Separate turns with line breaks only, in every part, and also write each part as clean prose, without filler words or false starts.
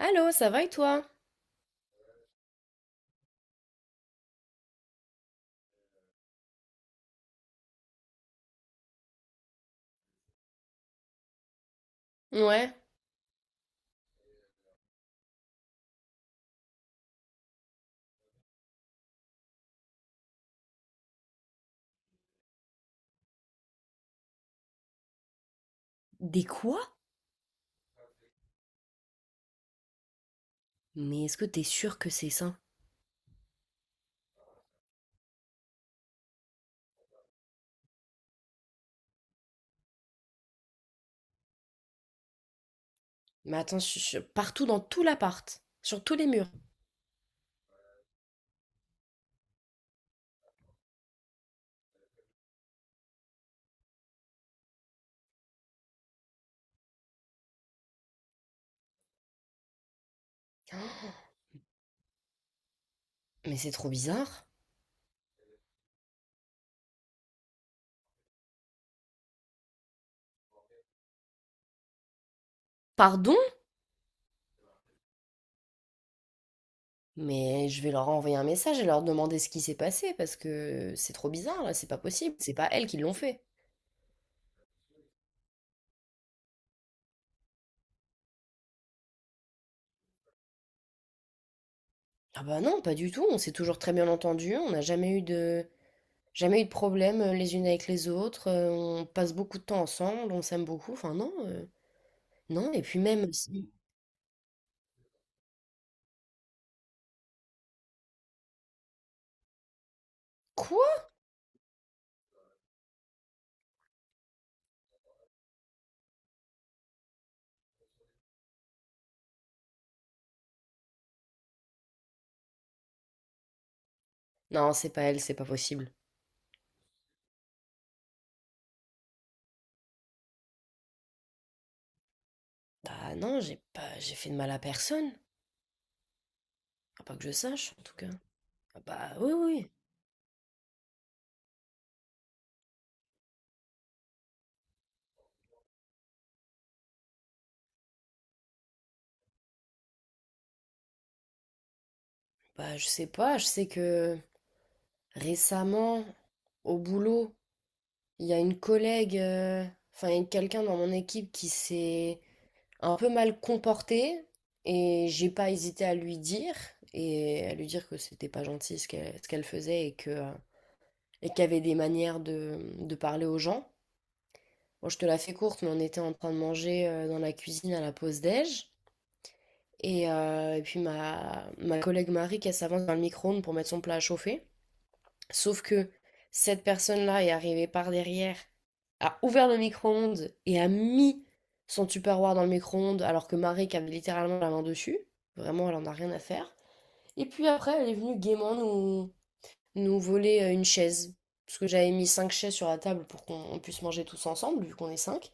Allô, ça va et toi? Ouais. Des quoi? Mais est-ce que t'es sûr que c'est ça? Mais attends, partout dans tout l'appart, sur tous les murs. Mais c'est trop bizarre. Pardon? Mais je vais leur envoyer un message et leur demander ce qui s'est passé parce que c'est trop bizarre là, c'est pas possible. C'est pas elles qui l'ont fait. Ah bah non, pas du tout. On s'est toujours très bien entendus. On n'a jamais eu de, Jamais eu de problème les unes avec les autres. On passe beaucoup de temps ensemble. On s'aime beaucoup. Enfin non, non. Et puis même si- quoi? Non, c'est pas elle, c'est pas possible. Bah non, j'ai pas j'ai fait de mal à personne, à pas que je sache en tout cas. Ah bah oui, oui. Bah je sais pas, je sais que récemment au boulot, il y a une collègue enfin il y a quelqu'un dans mon équipe qui s'est un peu mal comporté et j'ai pas hésité à lui dire et à lui dire que c'était pas gentil ce qu'elle faisait et que et qu'il y avait des manières de parler aux gens. Bon, je te la fais courte, mais on était en train de manger dans la cuisine à la pause déj. Et puis ma collègue Marie qui s'avance dans le micro-ondes pour mettre son plat à chauffer. Sauf que cette personne-là est arrivée par derrière, a ouvert le micro-ondes et a mis son Tupperware dans le micro-ondes alors que Marie qui avait littéralement la main dessus. Vraiment, elle en a rien à faire. Et puis après, elle est venue gaiement nous, nous voler une chaise. Parce que j'avais mis 5 chaises sur la table pour qu'on puisse manger tous ensemble, vu qu'on est cinq.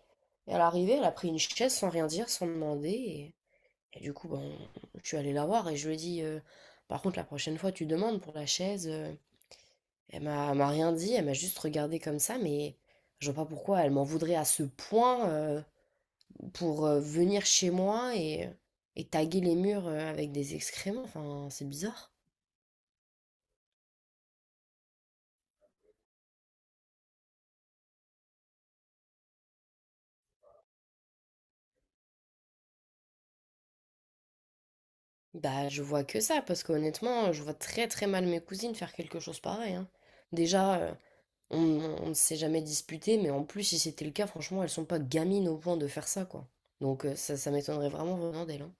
Et à l'arrivée, elle a pris une chaise sans rien dire, sans demander. Et du coup, ben, je suis allée la voir et je lui ai dit, par contre, la prochaine fois, tu demandes pour la chaise. Elle m'a rien dit, elle m'a juste regardée comme ça, mais je vois pas pourquoi elle m'en voudrait à ce point pour venir chez moi et taguer les murs avec des excréments. Enfin, c'est bizarre. Bah, je vois que ça, parce qu'honnêtement, je vois très très mal mes cousines faire quelque chose pareil, hein. Déjà, On, on ne s'est jamais disputé, mais en plus, si c'était le cas, franchement, elles sont pas gamines au point de faire ça, quoi. Donc ça, ça m'étonnerait vraiment venant d'elle, hein.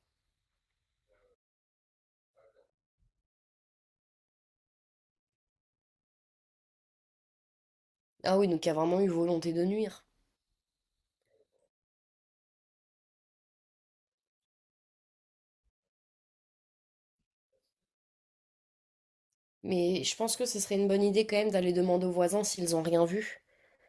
Ah oui, donc il y a vraiment eu volonté de nuire. Mais je pense que ce serait une bonne idée quand même d'aller demander aux voisins s'ils ont rien vu.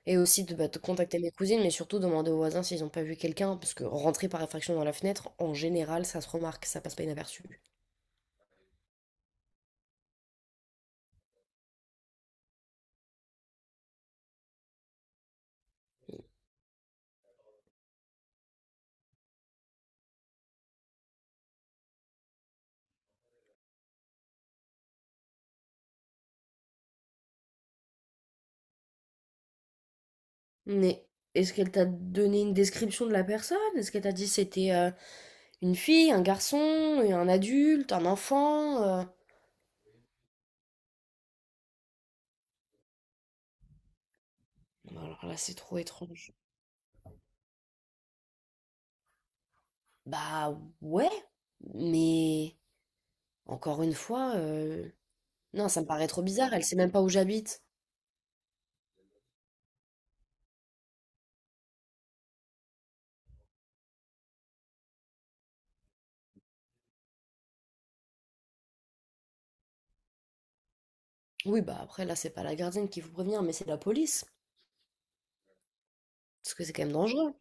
Et aussi de contacter mes cousines, mais surtout demander aux voisins s'ils n'ont pas vu quelqu'un, hein, parce que rentrer par effraction dans la fenêtre, en général, ça se remarque, ça passe pas inaperçu. Mais est-ce qu'elle t'a donné une description de la personne? Est-ce qu'elle t'a dit c'était... une fille, un garçon, un adulte, un enfant, Bah, alors là, c'est trop étrange. Bah ouais, mais encore une fois, non, ça me paraît trop bizarre, elle sait même pas où j'habite. Oui, bah après, là, c'est pas la gardienne qui vous prévient, mais c'est la police. Parce que c'est quand même dangereux.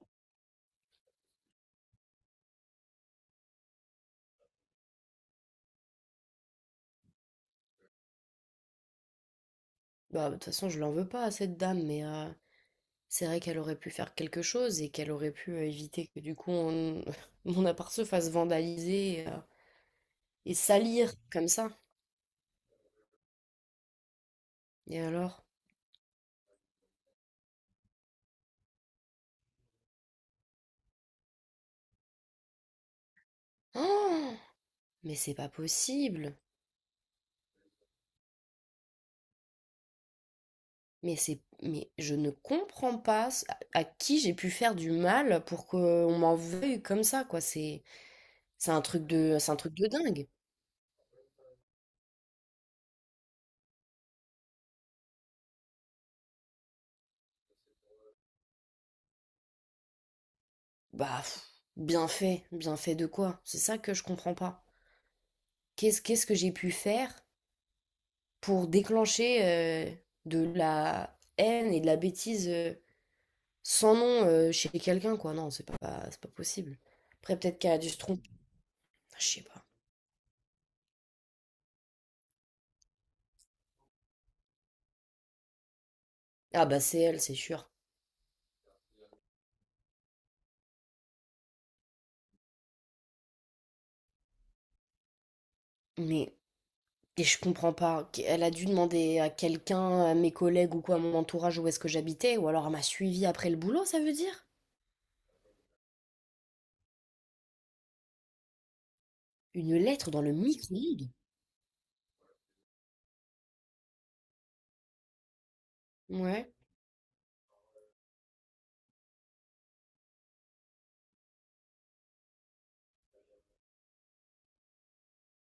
Bah, de toute façon, je l'en veux pas à cette dame, mais c'est vrai qu'elle aurait pu faire quelque chose et qu'elle aurait pu éviter que du coup on- mon appart se fasse vandaliser et salir comme ça. Et alors? Oh, mais c'est pas possible. Mais je ne comprends pas ce- à qui j'ai pu faire du mal pour qu'on m'en veuille comme ça, quoi. C'est un truc de, c'est un truc de dingue. Bah, pff, bien fait de quoi? C'est ça que je comprends pas. Qu'est-ce que j'ai pu faire pour déclencher de la haine et de la bêtise sans nom chez quelqu'un, quoi? C'est pas possible. Après, peut-être qu'elle a dû se tromper. Je sais pas. Ah bah c'est elle, c'est sûr. Mais et je comprends pas. Elle a dû demander à quelqu'un, à mes collègues ou quoi, à mon entourage où est-ce que j'habitais, ou alors elle m'a suivi après le boulot, ça veut dire? Une lettre dans le micro-ondes? Ouais,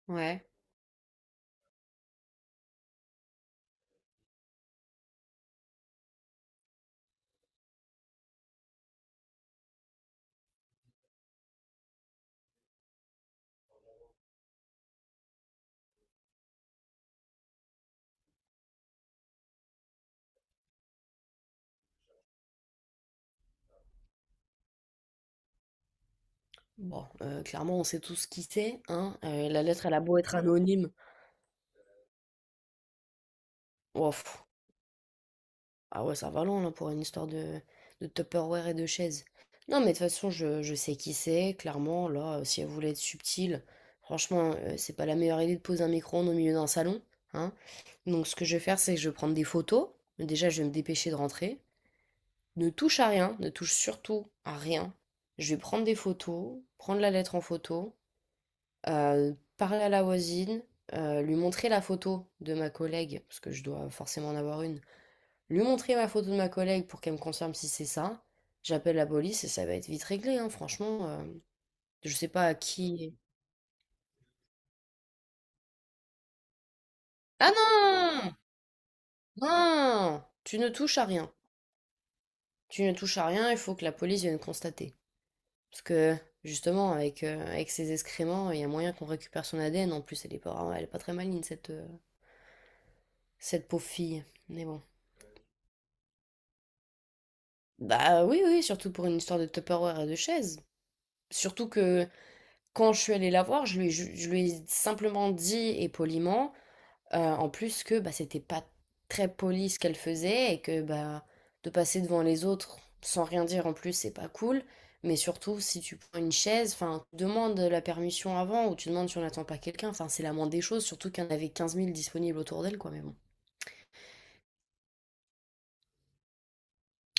ouais. Bon, clairement, on sait tous qui c'est, hein. La lettre, elle a beau être anonyme. Oh, pff, ah ouais, ça va loin là pour une histoire de Tupperware et de chaise. Non, mais de toute façon, je sais qui c'est, clairement. Là, si elle voulait être subtile, franchement, c'est pas la meilleure idée de poser un micro-ondes au milieu d'un salon. Hein. Donc, ce que je vais faire, c'est que je vais prendre des photos. Déjà, je vais me dépêcher de rentrer. Ne touche à rien, ne touche surtout à rien. Je vais prendre des photos, prendre la lettre en photo, parler à la voisine, lui montrer la photo de ma collègue, parce que je dois forcément en avoir une lui montrer ma photo de ma collègue pour qu'elle me confirme si c'est ça. J'appelle la police et ça va être vite réglé, hein, franchement. Je sais pas à qui. Ah non! Non! Tu ne touches à rien. Tu ne touches à rien, il faut que la police vienne constater. Parce que, justement, avec, avec ses excréments, il y a moyen qu'on récupère son ADN. En plus, elle est pas très maligne, cette pauvre fille. Mais bon. Bah oui, oui, surtout pour une histoire de Tupperware et de chaise. Surtout que quand je suis allée la voir, je lui ai simplement dit et poliment. En plus que bah, c'était pas très poli ce qu'elle faisait et que bah, de passer devant les autres sans rien dire en plus, c'est pas cool. Mais surtout, si tu prends une chaise, enfin, tu demandes la permission avant ou tu demandes si on n'attend pas quelqu'un. Enfin, c'est la moindre des choses, surtout qu'il y en avait 15 000 disponibles autour d'elle, quoi. Mais bon.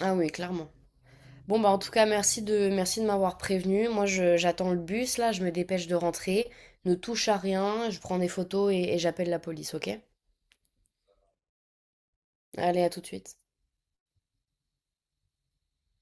Ah oui, clairement. Bon, bah, en tout cas, merci de m'avoir prévenu. Moi, j'attends le bus, là, je me dépêche de rentrer. Ne touche à rien, je prends des photos et j'appelle la police, ok? Allez, à tout de suite.